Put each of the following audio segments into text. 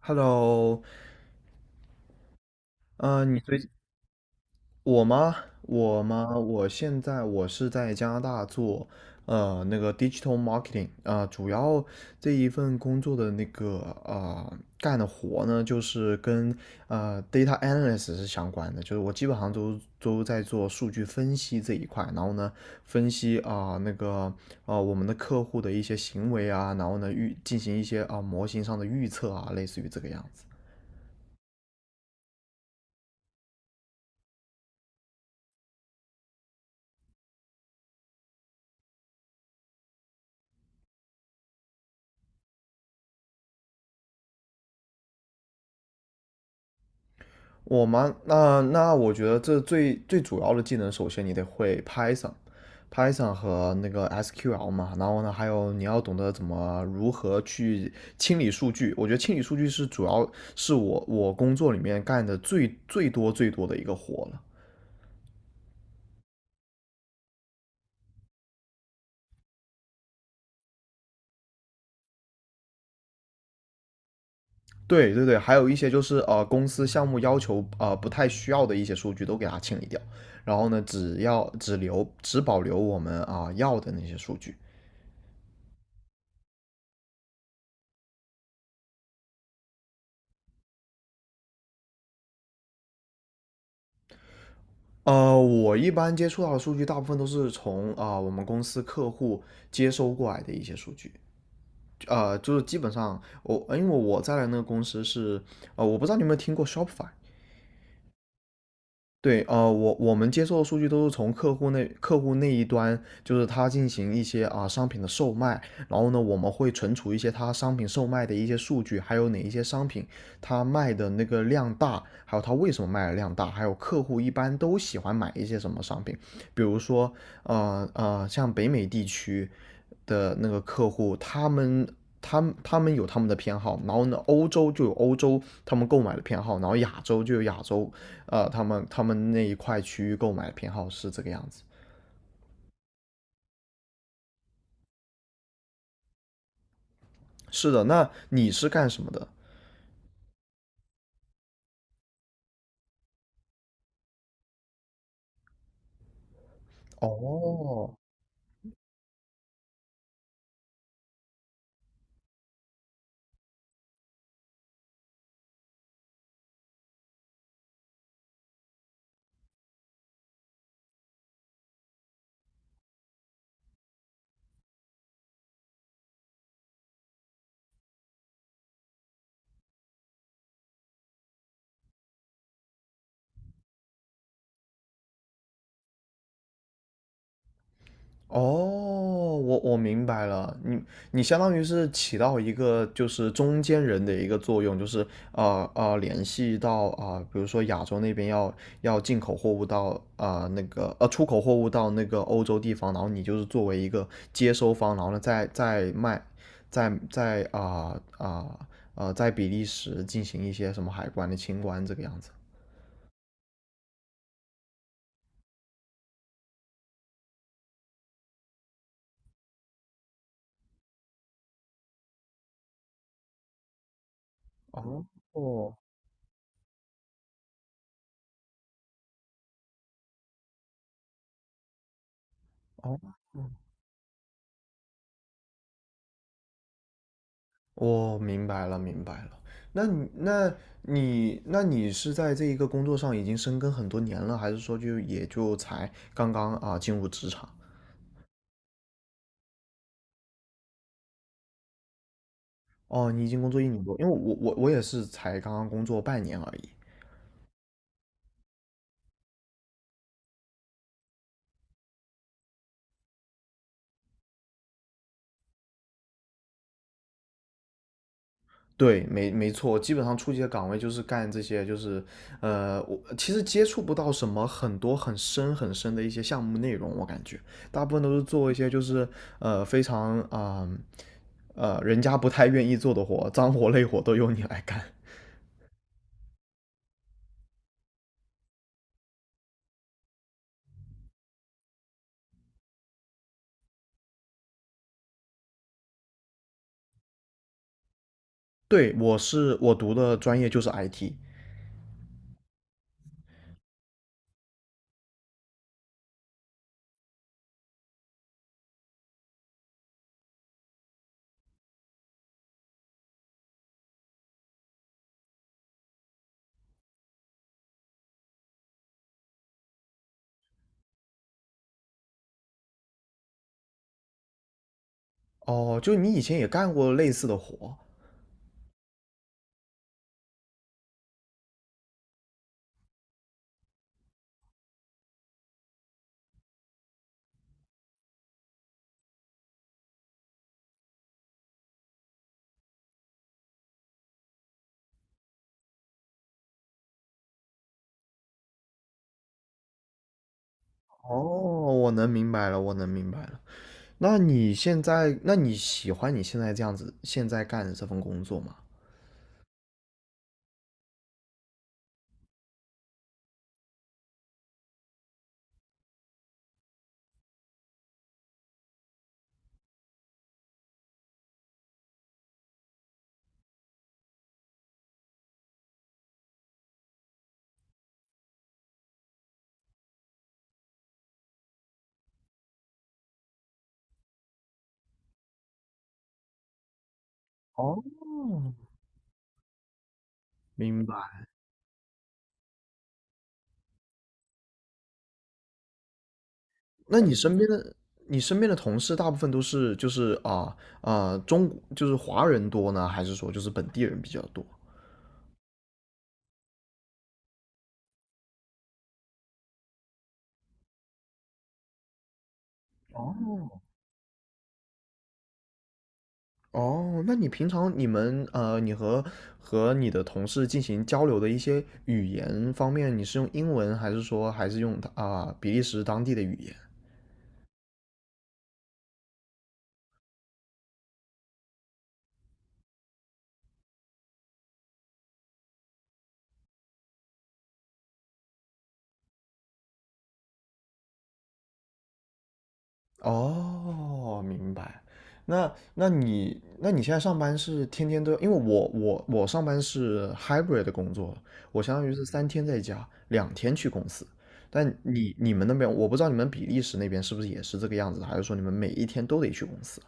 Hello，呃，你最我吗？我吗？我现在是在加拿大做那个 digital marketing 啊、主要这一份工作的那个干的活呢，就是跟data analyst 是相关的，就是我基本上都在做数据分析这一块，然后呢分析啊、那个啊、我们的客户的一些行为啊，然后呢进行一些啊、模型上的预测啊，类似于这个样子。我吗？那我觉得这最最主要的技能，首先你得会 Python 和那个 SQL 嘛，然后呢，还有你要懂得如何去清理数据。我觉得清理数据是主要是我工作里面干的最最多最多的一个活了。对对对，还有一些就是公司项目要求不太需要的一些数据都给它清理掉，然后呢，只保留我们要的那些数据。我一般接触到的数据，大部分都是从我们公司客户接收过来的一些数据。就是基本上我，因为我在的那个公司是，我不知道你有没有听过 Shopify。对，我们接受的数据都是从客户那一端，就是他进行一些啊、商品的售卖，然后呢，我们会存储一些他商品售卖的一些数据，还有哪一些商品他卖的那个量大，还有他为什么卖的量大，还有客户一般都喜欢买一些什么商品，比如说像北美地区的那个客户，他们。他们有他们的偏好，然后呢，欧洲就有欧洲他们购买的偏好，然后亚洲就有亚洲他们那一块区域购买偏好是这个样子。是的，那你是干什么的？哦，哦，我明白了，你相当于是起到一个就是中间人的一个作用，就是联系到比如说亚洲那边要进口货物到那个出口货物到那个欧洲地方，然后你就是作为一个接收方，然后呢再卖，再在比利时进行一些什么海关的清关这个样子。哦，哦，哦，我明白了，明白了。那你，那那你是在这一个工作上已经深耕很多年了，还是说就才刚刚啊进入职场？哦，你已经工作一年多，因为我也是才刚刚工作半年而已。对，没错，基本上初级的岗位就是干这些，就是我其实接触不到什么很多很深很深的一些项目内容，我感觉大部分都是做一些就是非常人家不太愿意做的活，脏活累活都由你来干。对，我读的专业就是 IT。哦，就你以前也干过类似的活。哦，我能明白了，我能明白了。那你喜欢你现在这样子，现在干的这份工作吗？哦，明白。那你身边的，你身边的同事大部分都是就是啊、中，就是华人多呢，还是说就是本地人比较多？哦。哦，那你平常你们你和你的同事进行交流的一些语言方面，你是用英文，还是说用啊、比利时当地的语言？哦，明白。那你现在上班是天天都，因为我上班是 hybrid 的工作，我相当于是3天在家，2天去公司。但你们那边，我不知道你们比利时那边是不是也是这个样子的，还是说你们每一天都得去公司？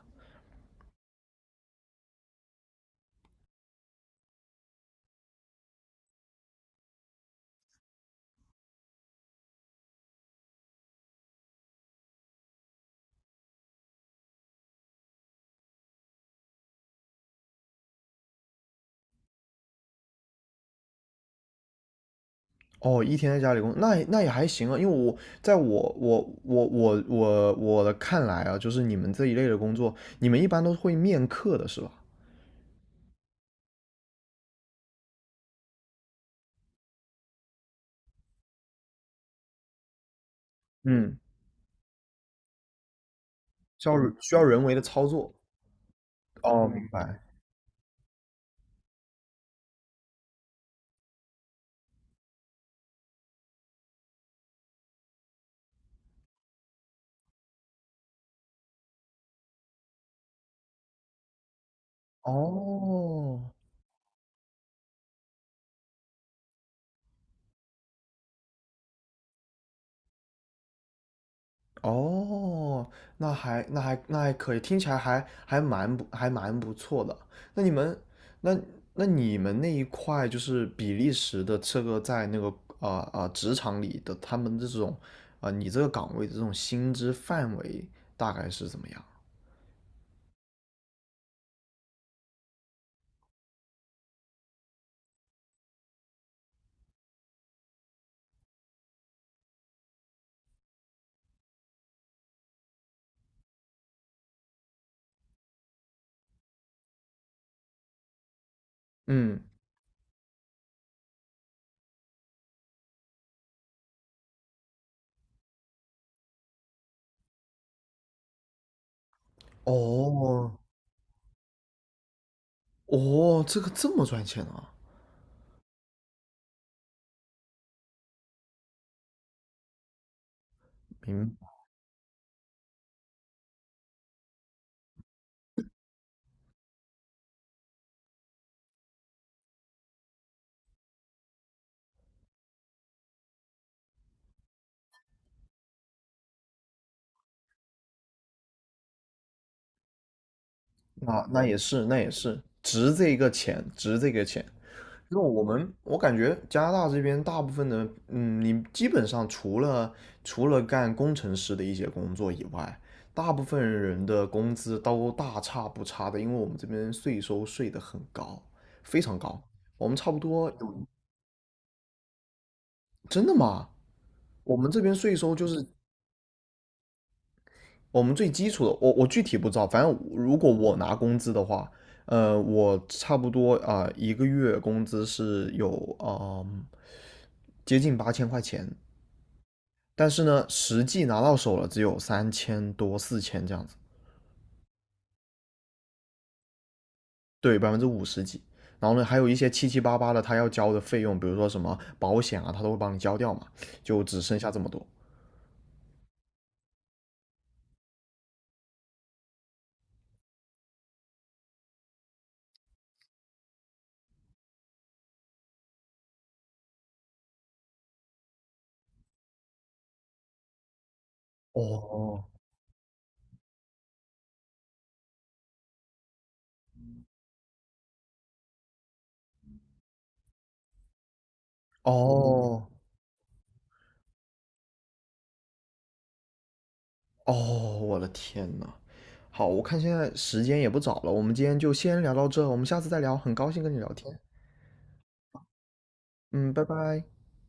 哦，一天在家里那也还行啊，因为我在我的看来啊，就是你们这一类的工作，你们一般都会面客的是吧？嗯，需要需要人为的操作。哦，明白。哦，哦，那还可以，听起来还蛮不错的。那你们那那你们那一块就是比利时的这个在那个职场里的他们这种你这个岗位的这种薪资范围大概是怎么样？嗯，哦，哦，这个这么赚钱啊！明白，那也是值这个钱，值这个钱。因为我们，我感觉加拿大这边大部分的，你基本上除了干工程师的一些工作以外，大部分人的工资都大差不差的，因为我们这边税收税的很高，非常高。我们差不多有，真的吗？我们这边税收就是我们最基础的，我具体不知道，反正如果我拿工资的话，我差不多1个月工资是有接近8000块钱。但是呢，实际拿到手了只有3000多、4000这样子，对，50几%。然后呢，还有一些七七八八的他要交的费用，比如说什么保险啊，他都会帮你交掉嘛，就只剩下这么多。哦，哦，哦！我的天呐，好，我看现在时间也不早了，我们今天就先聊到这，我们下次再聊。很高兴跟你聊天，嗯，拜拜。